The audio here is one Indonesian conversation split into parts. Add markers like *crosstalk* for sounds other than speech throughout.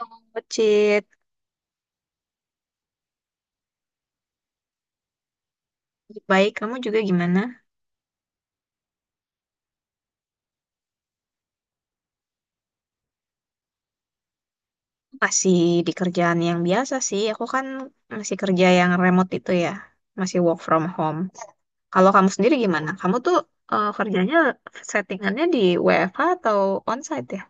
Oh, Cit. Baik, kamu juga gimana? Masih di kerjaan yang biasa sih. Aku kan masih kerja yang remote itu ya. Masih work from home. Kalau kamu sendiri gimana? Kamu tuh kerjanya settingannya di WFH atau onsite ya?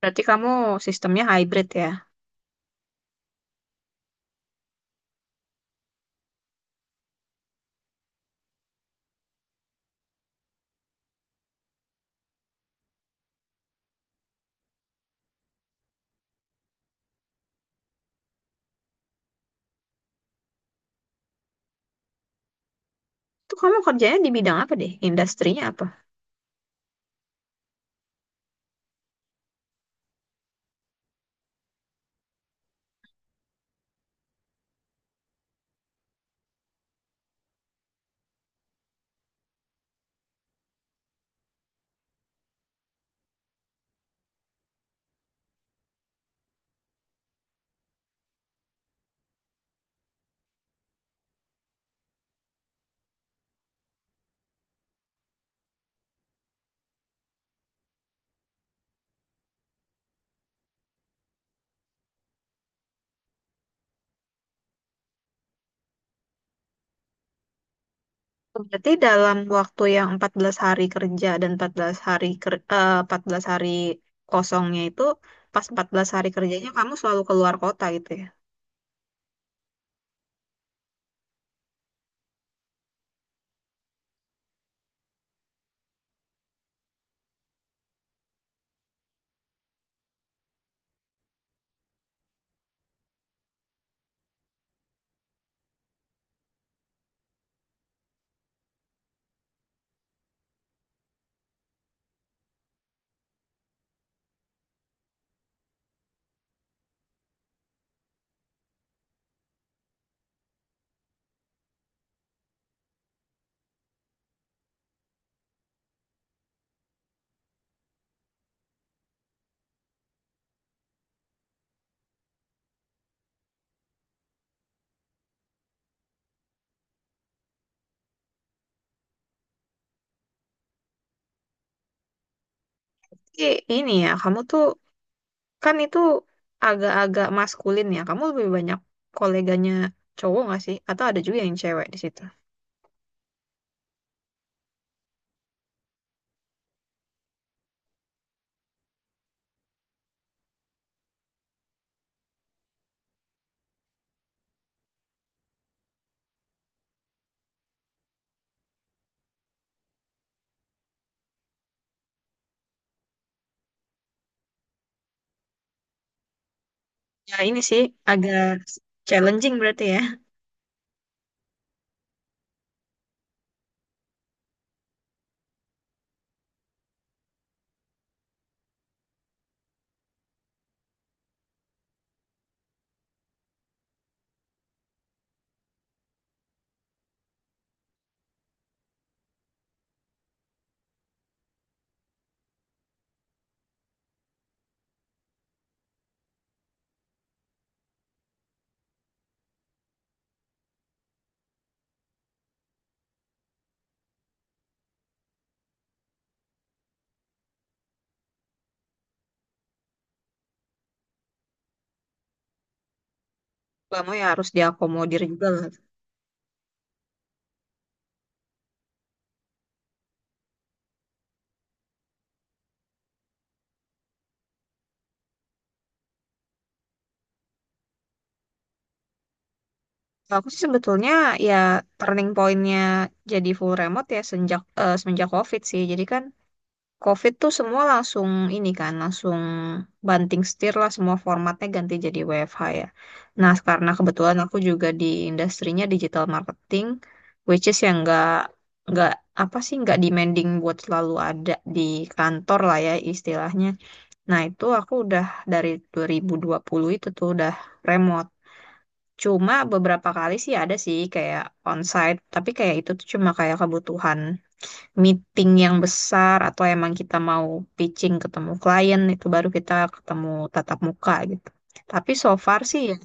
Berarti kamu sistemnya hybrid ya. Itu kamu kerjanya di bidang apa deh? Industrinya apa? Berarti dalam waktu yang 14 hari kerja dan 14 hari 14 hari kosongnya itu, pas 14 hari kerjanya kamu selalu keluar kota gitu ya? Tapi ini ya, kamu tuh kan itu agak-agak maskulin ya. Kamu lebih banyak koleganya cowok nggak sih? Atau ada juga yang cewek di situ? Ya ini sih agak challenging berarti ya. Kamu ya harus diakomodir juga lah. Kalau aku sih sebetulnya ya turning pointnya jadi full remote, ya semenjak COVID sih. Jadi kan COVID tuh semua langsung ini kan, langsung banting setir lah, semua formatnya ganti jadi WFH ya. Nah, karena kebetulan aku juga di industrinya digital marketing, which is yang nggak apa sih, nggak demanding buat selalu ada di kantor lah ya istilahnya. Nah, itu aku udah dari 2020 itu tuh udah remote. Cuma beberapa kali sih ada sih kayak onsite, tapi kayak itu tuh cuma kayak kebutuhan meeting yang besar atau emang kita mau pitching ketemu klien, itu baru kita ketemu tatap muka gitu. Tapi so far sih ya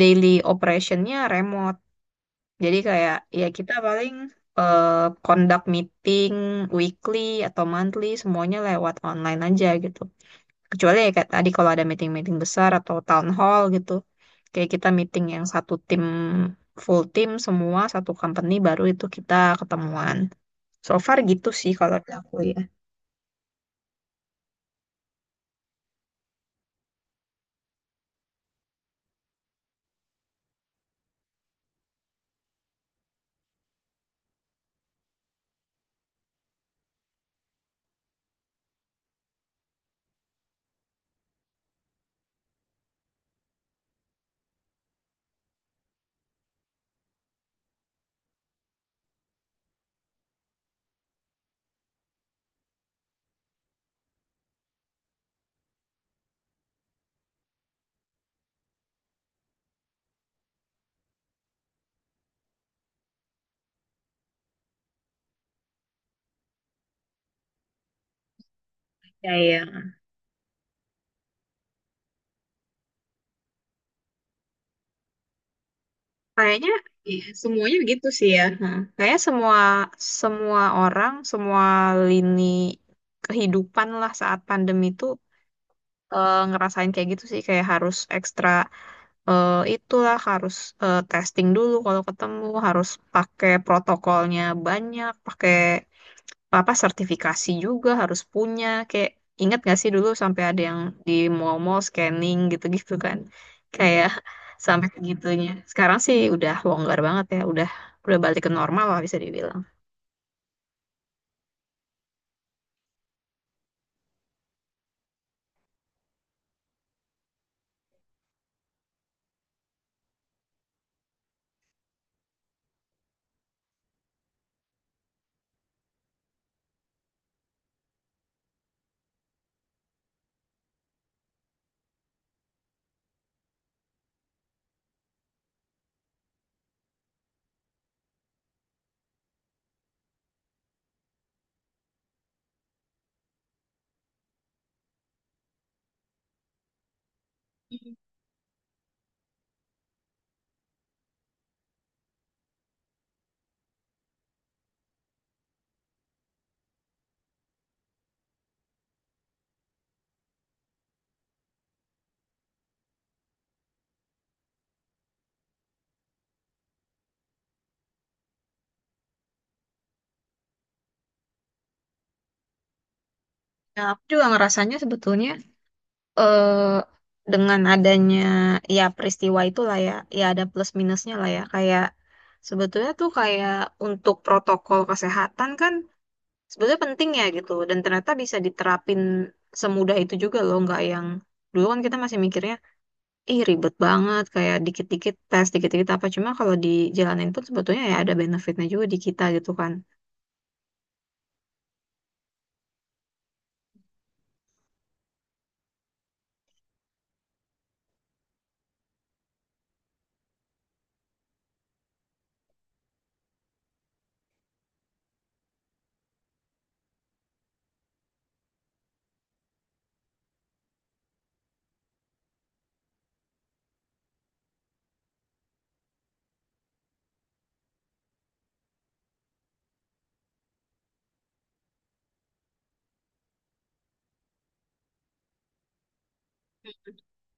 daily operationnya remote. Jadi kayak ya kita paling eh, conduct meeting weekly atau monthly, semuanya lewat online aja gitu. Kecuali ya kayak tadi kalau ada meeting-meeting besar atau town hall gitu. Kayak kita meeting yang satu tim, full tim semua satu company, baru itu kita ketemuan. So far gitu sih kalau dari aku ya. Ya, ya. Kayaknya semuanya gitu sih ya. Nah, kayaknya semua, orang, semua lini kehidupan lah, saat pandemi itu ngerasain kayak gitu sih. Kayak harus ekstra, itulah, harus testing dulu kalau ketemu, harus pakai protokolnya banyak, pakai apa sertifikasi juga harus punya, kayak ingat gak sih dulu sampai ada yang di mall-mall scanning gitu-gitu kan, kayak *laughs* sampai segitunya. Sekarang sih udah longgar banget ya, udah balik ke normal lah bisa dibilang. Nah, aku juga ngerasanya sebetulnya eh dengan adanya ya peristiwa itulah ya, ya ada plus minusnya lah ya, kayak sebetulnya tuh kayak untuk protokol kesehatan kan sebetulnya penting ya gitu. Dan ternyata bisa diterapin semudah itu juga loh. Nggak yang dulu kan kita masih mikirnya, ih ribet banget. Kayak dikit-dikit tes, dikit-dikit apa. Cuma kalau dijalanin pun sebetulnya ya ada benefitnya juga di kita gitu kan.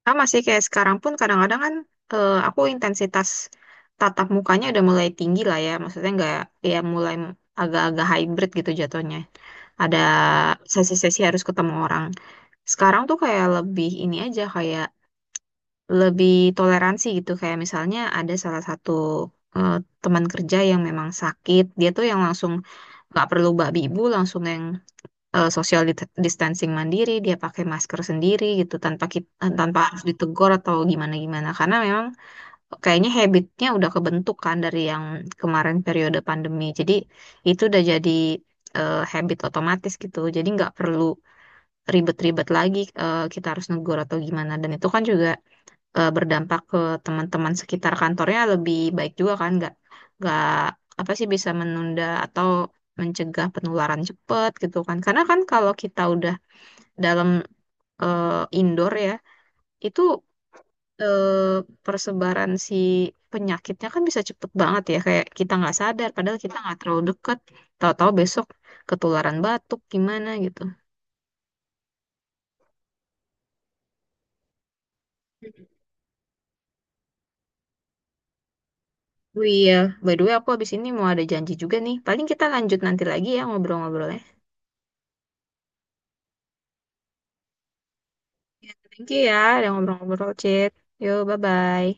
Sama sih kayak sekarang pun, kadang-kadang kan aku intensitas tatap mukanya udah mulai tinggi lah ya. Maksudnya nggak, ya mulai agak-agak hybrid gitu jatuhnya. Ada sesi-sesi harus ketemu orang. Sekarang tuh kayak lebih ini aja, kayak lebih toleransi gitu, kayak misalnya ada salah satu eh, teman kerja yang memang sakit, dia tuh yang langsung nggak perlu babi ibu, langsung yang social distancing mandiri, dia pakai masker sendiri gitu tanpa kita, tanpa harus ditegur atau gimana gimana, karena memang kayaknya habitnya udah kebentuk kan dari yang kemarin periode pandemi, jadi itu udah jadi habit otomatis gitu, jadi nggak perlu ribet-ribet lagi, kita harus negur atau gimana, dan itu kan juga berdampak ke teman-teman sekitar kantornya lebih baik juga kan. Nggak, nggak apa sih, bisa menunda atau mencegah penularan cepat gitu kan, karena kan kalau kita udah dalam eh, indoor ya, itu eh, persebaran si penyakitnya kan bisa cepet banget ya, kayak kita nggak sadar padahal kita nggak terlalu deket, tahu-tahu besok ketularan batuk gimana gitu. Oh iya, by the way, aku habis ini mau ada janji juga nih. Paling kita lanjut nanti lagi ya ngobrol-ngobrol. Thank you ya udah ngobrol-ngobrol, Cit. Yuk, bye-bye.